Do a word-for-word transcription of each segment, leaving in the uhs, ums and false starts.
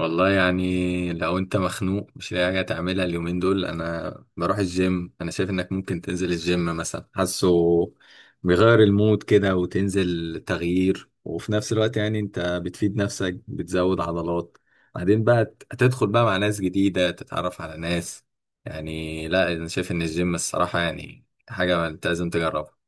والله، يعني لو انت مخنوق مش لاقي حاجه تعملها اليومين دول، انا بروح الجيم. انا شايف انك ممكن تنزل الجيم مثلا، حاسه بيغير المود كده وتنزل تغيير، وفي نفس الوقت يعني انت بتفيد نفسك بتزود عضلات. بعدين بقى ت- هتدخل بقى مع ناس جديده تتعرف على ناس. يعني لا، انا شايف ان الجيم الصراحه يعني حاجه انت لازم تجربها.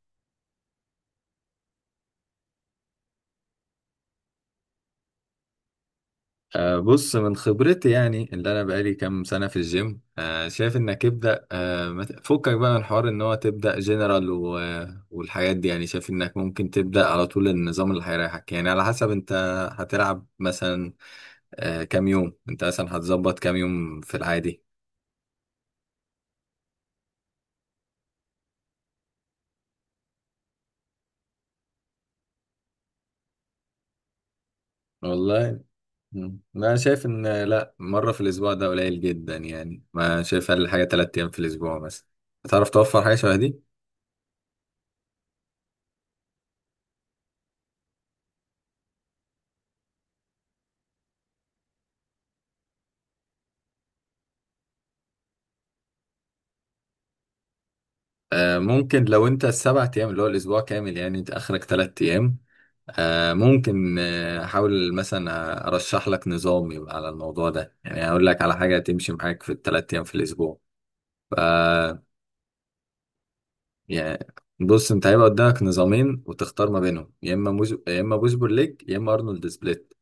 آه، بص، من خبرتي يعني اللي انا بقالي كام سنه في الجيم، آه، شايف انك ابدا، آه، ما ت- فكك بقى من حوار ان هو تبدا جنرال و... والحاجات دي، يعني شايف انك ممكن تبدا على طول النظام اللي هيريحك، يعني على حسب انت هتلعب مثلا آه، كام يوم. انت مثلا هتظبط كام يوم في العادي؟ والله، مم. انا شايف ان لا، مره في الاسبوع ده قليل جدا، يعني ما شايف اقل حاجه تلات ايام في الاسبوع مثلا هتعرف توفر حاجه شبه دي. آه، ممكن لو انت السبع ايام اللي هو الاسبوع كامل، يعني انت اخرك ثلاث ايام. آه، ممكن آه، احاول مثلا ارشح لك نظام يبقى على الموضوع ده، يعني اقول لك على حاجه تمشي معاك في الثلاث ايام في الاسبوع. ف يعني بص، انت هيبقى قدامك نظامين وتختار ما بينهم، يا اما موز... يا اما بوش بول ليج، يا اما ارنولد سبليت.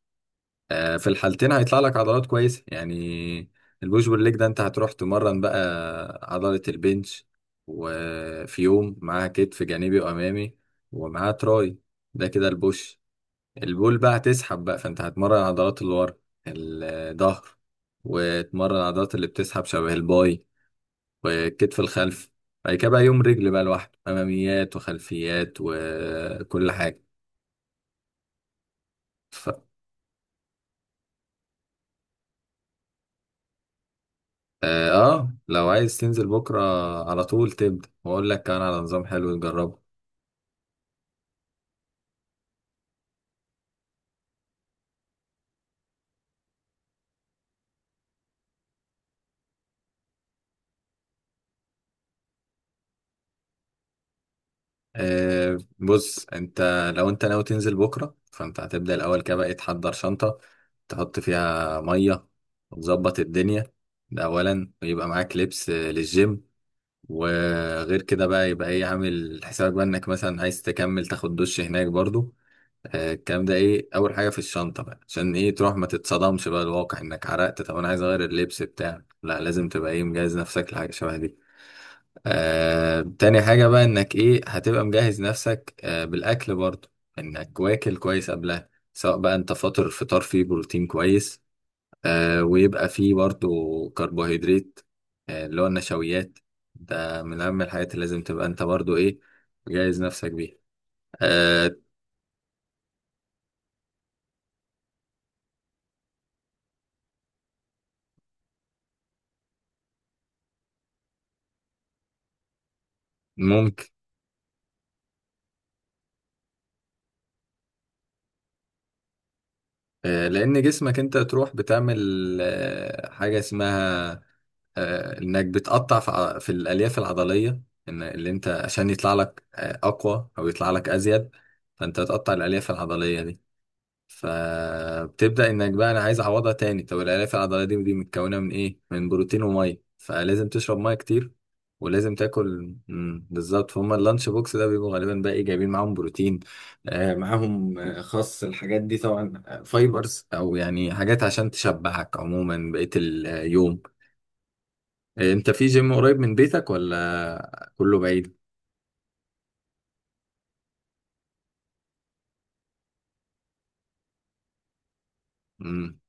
آه، في الحالتين هيطلع لك عضلات كويسة يعني. البوش بول ليج ده انت هتروح تمرن بقى عضلة البنش، وفي يوم معاها كتف جانبي وأمامي، ومعاها تراي. ده كده البوش. البول بقى هتسحب بقى، فانت هتمرن عضلات اللي ورا الظهر، وتمرن عضلات اللي بتسحب شبه الباي والكتف الخلفي. بعد كده بقى يوم رجل بقى لوحده، أماميات وخلفيات وكل حاجة. اه، آه، لو عايز تنزل بكرة على طول تبدأ، واقول لك كمان على نظام حلو تجربه. آه بص، انت لو انت ناوي تنزل بكرة، فانت هتبدأ الأول كده بقى إيه، تحضر شنطة تحط فيها مية وتظبط الدنيا. ده أولا. ويبقى معاك لبس آه، للجيم. وغير كده بقى، يبقى ايه، عامل حسابك بقى انك مثلا عايز تكمل تاخد دش هناك برضو. آه، الكلام ده ايه اول حاجه في الشنطه بقى، عشان ايه؟ تروح ما تتصدمش بقى الواقع انك عرقت، طب انا عايز اغير اللبس بتاعك، لا لازم تبقى ايه، مجهز نفسك لحاجه شبه دي. آه تاني حاجه بقى، انك ايه، هتبقى مجهز نفسك آه بالاكل برضه، انك واكل كويس قبلها. سواء بقى انت فاطر فطار فيه بروتين كويس، آه ويبقى فيه برضه كربوهيدرات، آه اللي هو النشويات. ده من اهم الحاجات اللي لازم تبقى انت برضه ايه، مجهز نفسك بيها. آه ممكن. آه، لأن جسمك أنت تروح بتعمل آه، حاجة اسمها آه، إنك بتقطع في ع- في الألياف العضلية. إن اللي أنت عشان يطلع لك آه، أقوى أو يطلع لك أزيد، فأنت تقطع الألياف العضلية دي. فبتبدأ انك بقى انا عايز اعوضها تاني. طب الالياف العضليه دي، دي متكونه من ايه؟ من بروتين وميه، فلازم تشرب ميه كتير، ولازم تاكل. مم، بالظبط، فهم اللانش بوكس ده بيبقوا غالبا بقى ايه، جايبين معاهم بروتين. آه معاهم آه، خس، الحاجات دي طبعا آه، فايبرز، او يعني حاجات عشان تشبعك عموما بقية اليوم. آه، انت في جيم قريب من بيتك ولا كله بعيد؟ مم.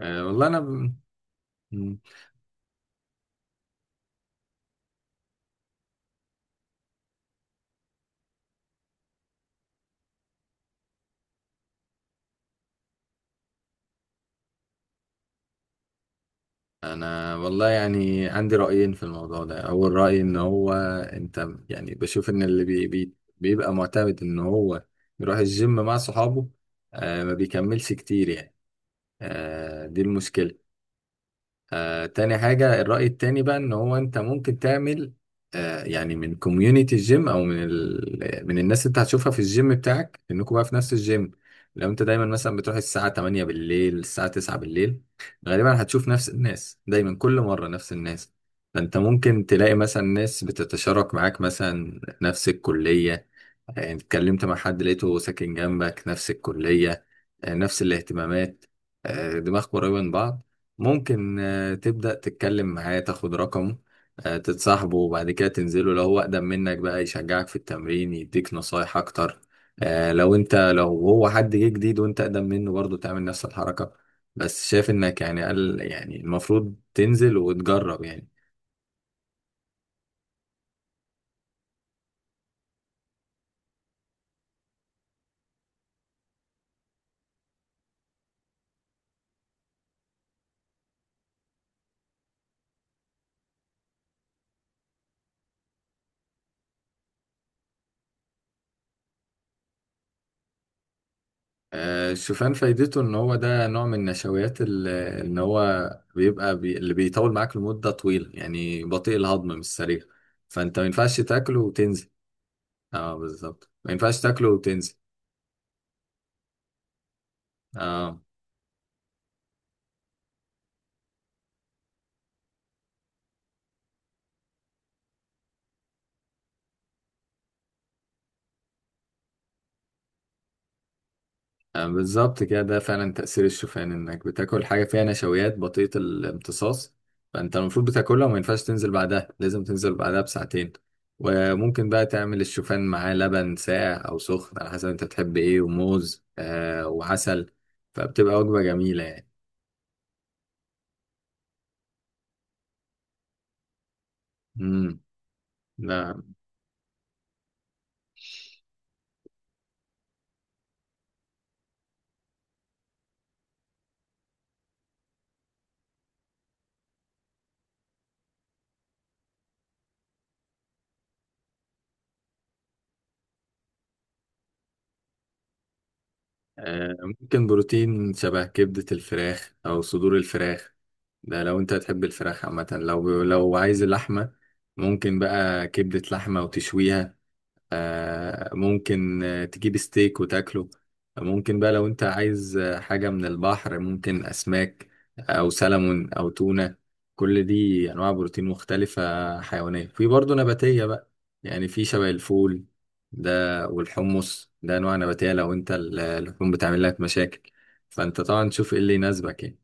آه والله انا، انا والله يعني عندي رأيين في الموضوع ده. اول رأي ان هو انت، يعني بشوف ان اللي بي بي بيبقى معتمد ان هو يروح الجيم مع صحابه آه ما بيكملش كتير يعني. آه دي المشكلة. آه، تاني حاجة، الرأي التاني بقى، إن هو أنت ممكن تعمل آه، يعني من كوميونيتي الجيم، أو من ال... من الناس اللي أنت هتشوفها في الجيم بتاعك، إنكم بقى في نفس الجيم. لو أنت دايما مثلا بتروح الساعة تمانية بالليل الساعة تسعة بالليل، غالبا هتشوف نفس الناس دايما، كل مرة نفس الناس. فأنت ممكن تلاقي مثلا ناس بتتشارك معاك مثلا نفس الكلية. يعني اتكلمت مع حد لقيته ساكن جنبك، نفس الكلية، آه، نفس الاهتمامات، آه، دماغكم قريبة من بعض. ممكن تبدأ تتكلم معاه، تاخد رقمه، آه، تتصاحبه، وبعد كده تنزله. لو هو أقدم منك بقى، يشجعك في التمرين يديك نصايح أكتر. آه، لو أنت لو هو حد جه جديد وأنت أقدم منه، برضه تعمل نفس الحركة. بس شايف إنك يعني قال يعني المفروض تنزل وتجرب يعني. آه، الشوفان فايدته إن هو ده نوع من النشويات، ال- إن هو بيبقى، بي اللي بيطول معاك لمدة طويلة، يعني بطيء الهضم مش سريع، فأنت ما ينفعش تاكله وتنزل. اه، بالظبط، ما ينفعش تاكله وتنزل. اه. آه، بالظبط كده، ده فعلا تأثير الشوفان، انك بتاكل حاجة فيها نشويات بطيئة الامتصاص. فانت المفروض بتاكلها وما ينفعش تنزل بعدها، لازم تنزل بعدها بساعتين. وممكن بقى تعمل الشوفان معاه لبن ساقع او سخن، على حسب انت بتحب ايه، وموز آه وعسل. فبتبقى وجبة جميلة يعني. امم آه، ممكن بروتين شبه كبدة الفراخ أو صدور الفراخ. ده لو أنت تحب الفراخ عامة، لو لو عايز اللحمة، ممكن بقى كبدة لحمة وتشويها. آه، ممكن آه، تجيب ستيك وتاكله. ممكن بقى لو انت عايز آه، حاجة من البحر، ممكن أسماك أو سلمون أو تونة. كل دي أنواع بروتين مختلفة، حيوانية، في برضه نباتية بقى. يعني في شبه الفول ده والحمص ده، أنواع نباتية. لو انت ال- اللحوم بتعمل لك مشاكل، فانت طبعا تشوف ايه اللي يناسبك يعني.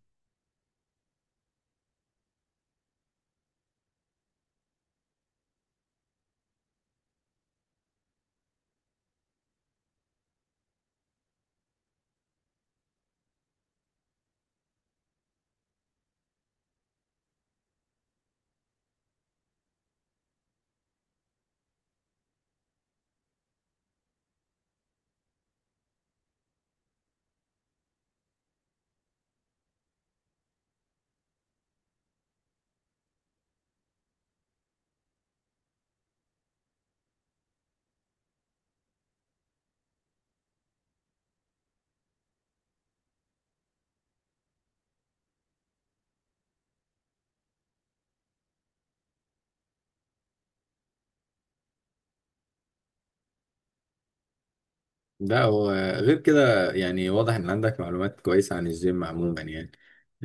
ده هو. غير كده يعني واضح ان عندك معلومات كويسة عن الجيم عموما يعني.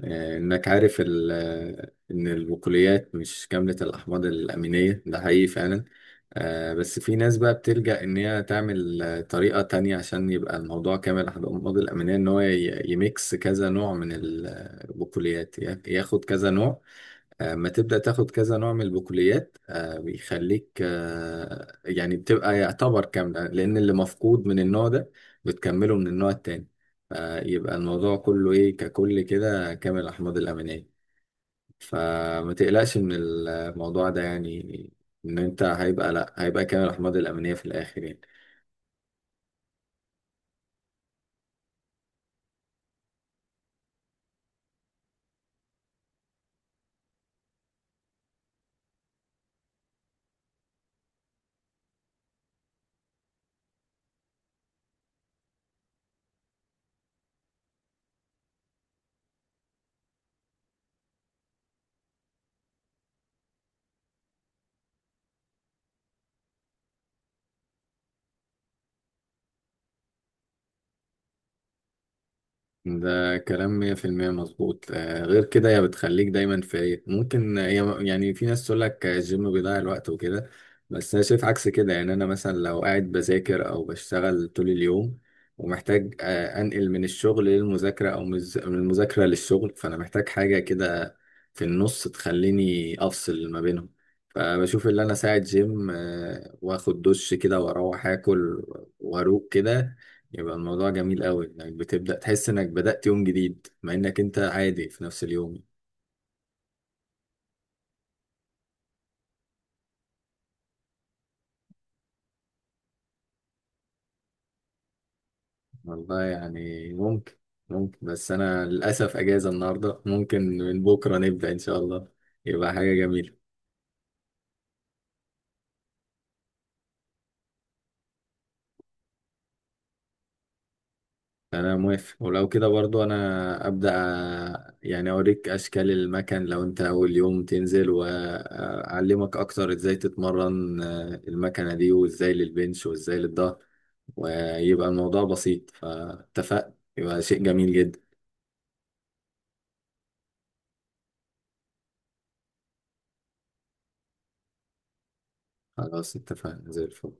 آه، انك عارف ال- آه، ان البقوليات مش كاملة الاحماض الامينية، ده حقيقي فعلا. آه، بس في ناس بقى بتلجأ ان هي تعمل آه، طريقة تانية، عشان يبقى الموضوع كامل الاحماض الامينية، ان هو ي- يميكس كذا نوع من البقوليات، ياخد كذا نوع، اما تبدأ تاخد كذا نوع من البقوليات، آه، بيخليك آه، يعني بتبقى يعتبر كاملة، لأن اللي مفقود من النوع ده بتكمله من النوع التاني. فيبقى الموضوع كله إيه، ككل كده، كامل الأحماض الأمينية. فما تقلقش من الموضوع ده يعني. إن أنت هيبقى، لأ، هيبقى كامل الأحماض الأمينية في الآخر يعني. ده كلام مية في المية مظبوط. آه، غير كده هي بتخليك دايما فايق. ممكن هي يعني في ناس تقول لك الجيم بيضيع الوقت وكده، بس أنا شايف عكس كده. يعني أنا مثلا لو قاعد بذاكر أو بشتغل طول اليوم، ومحتاج آه، أنقل من الشغل للمذاكرة، أو من الز- من المذاكرة للشغل، فأنا محتاج حاجة كده في النص تخليني أفصل ما بينهم. فبشوف اللي أنا ساعة جيم آه، وآخد دش كده وأروح آكل وأروق كده، يبقى الموضوع جميل قوي. انك بتبدأ تحس انك بدأت يوم جديد، مع انك انت عادي في نفس اليوم. والله يعني ممكن، ممكن بس انا للأسف اجازة النهاردة. ممكن من بكرة نبدأ ان شاء الله، يبقى حاجة جميلة. انا موافق. ولو كده برضو انا أبدأ، أ- يعني اوريك اشكال المكان لو انت اول يوم تنزل، واعلمك اكتر ازاي تتمرن آه، المكنة دي، وازاي للبنش، وازاي للظهر. ويبقى الموضوع بسيط. فاتفقنا، يبقى شيء جميل جدا. خلاص اتفقنا، زي الفل.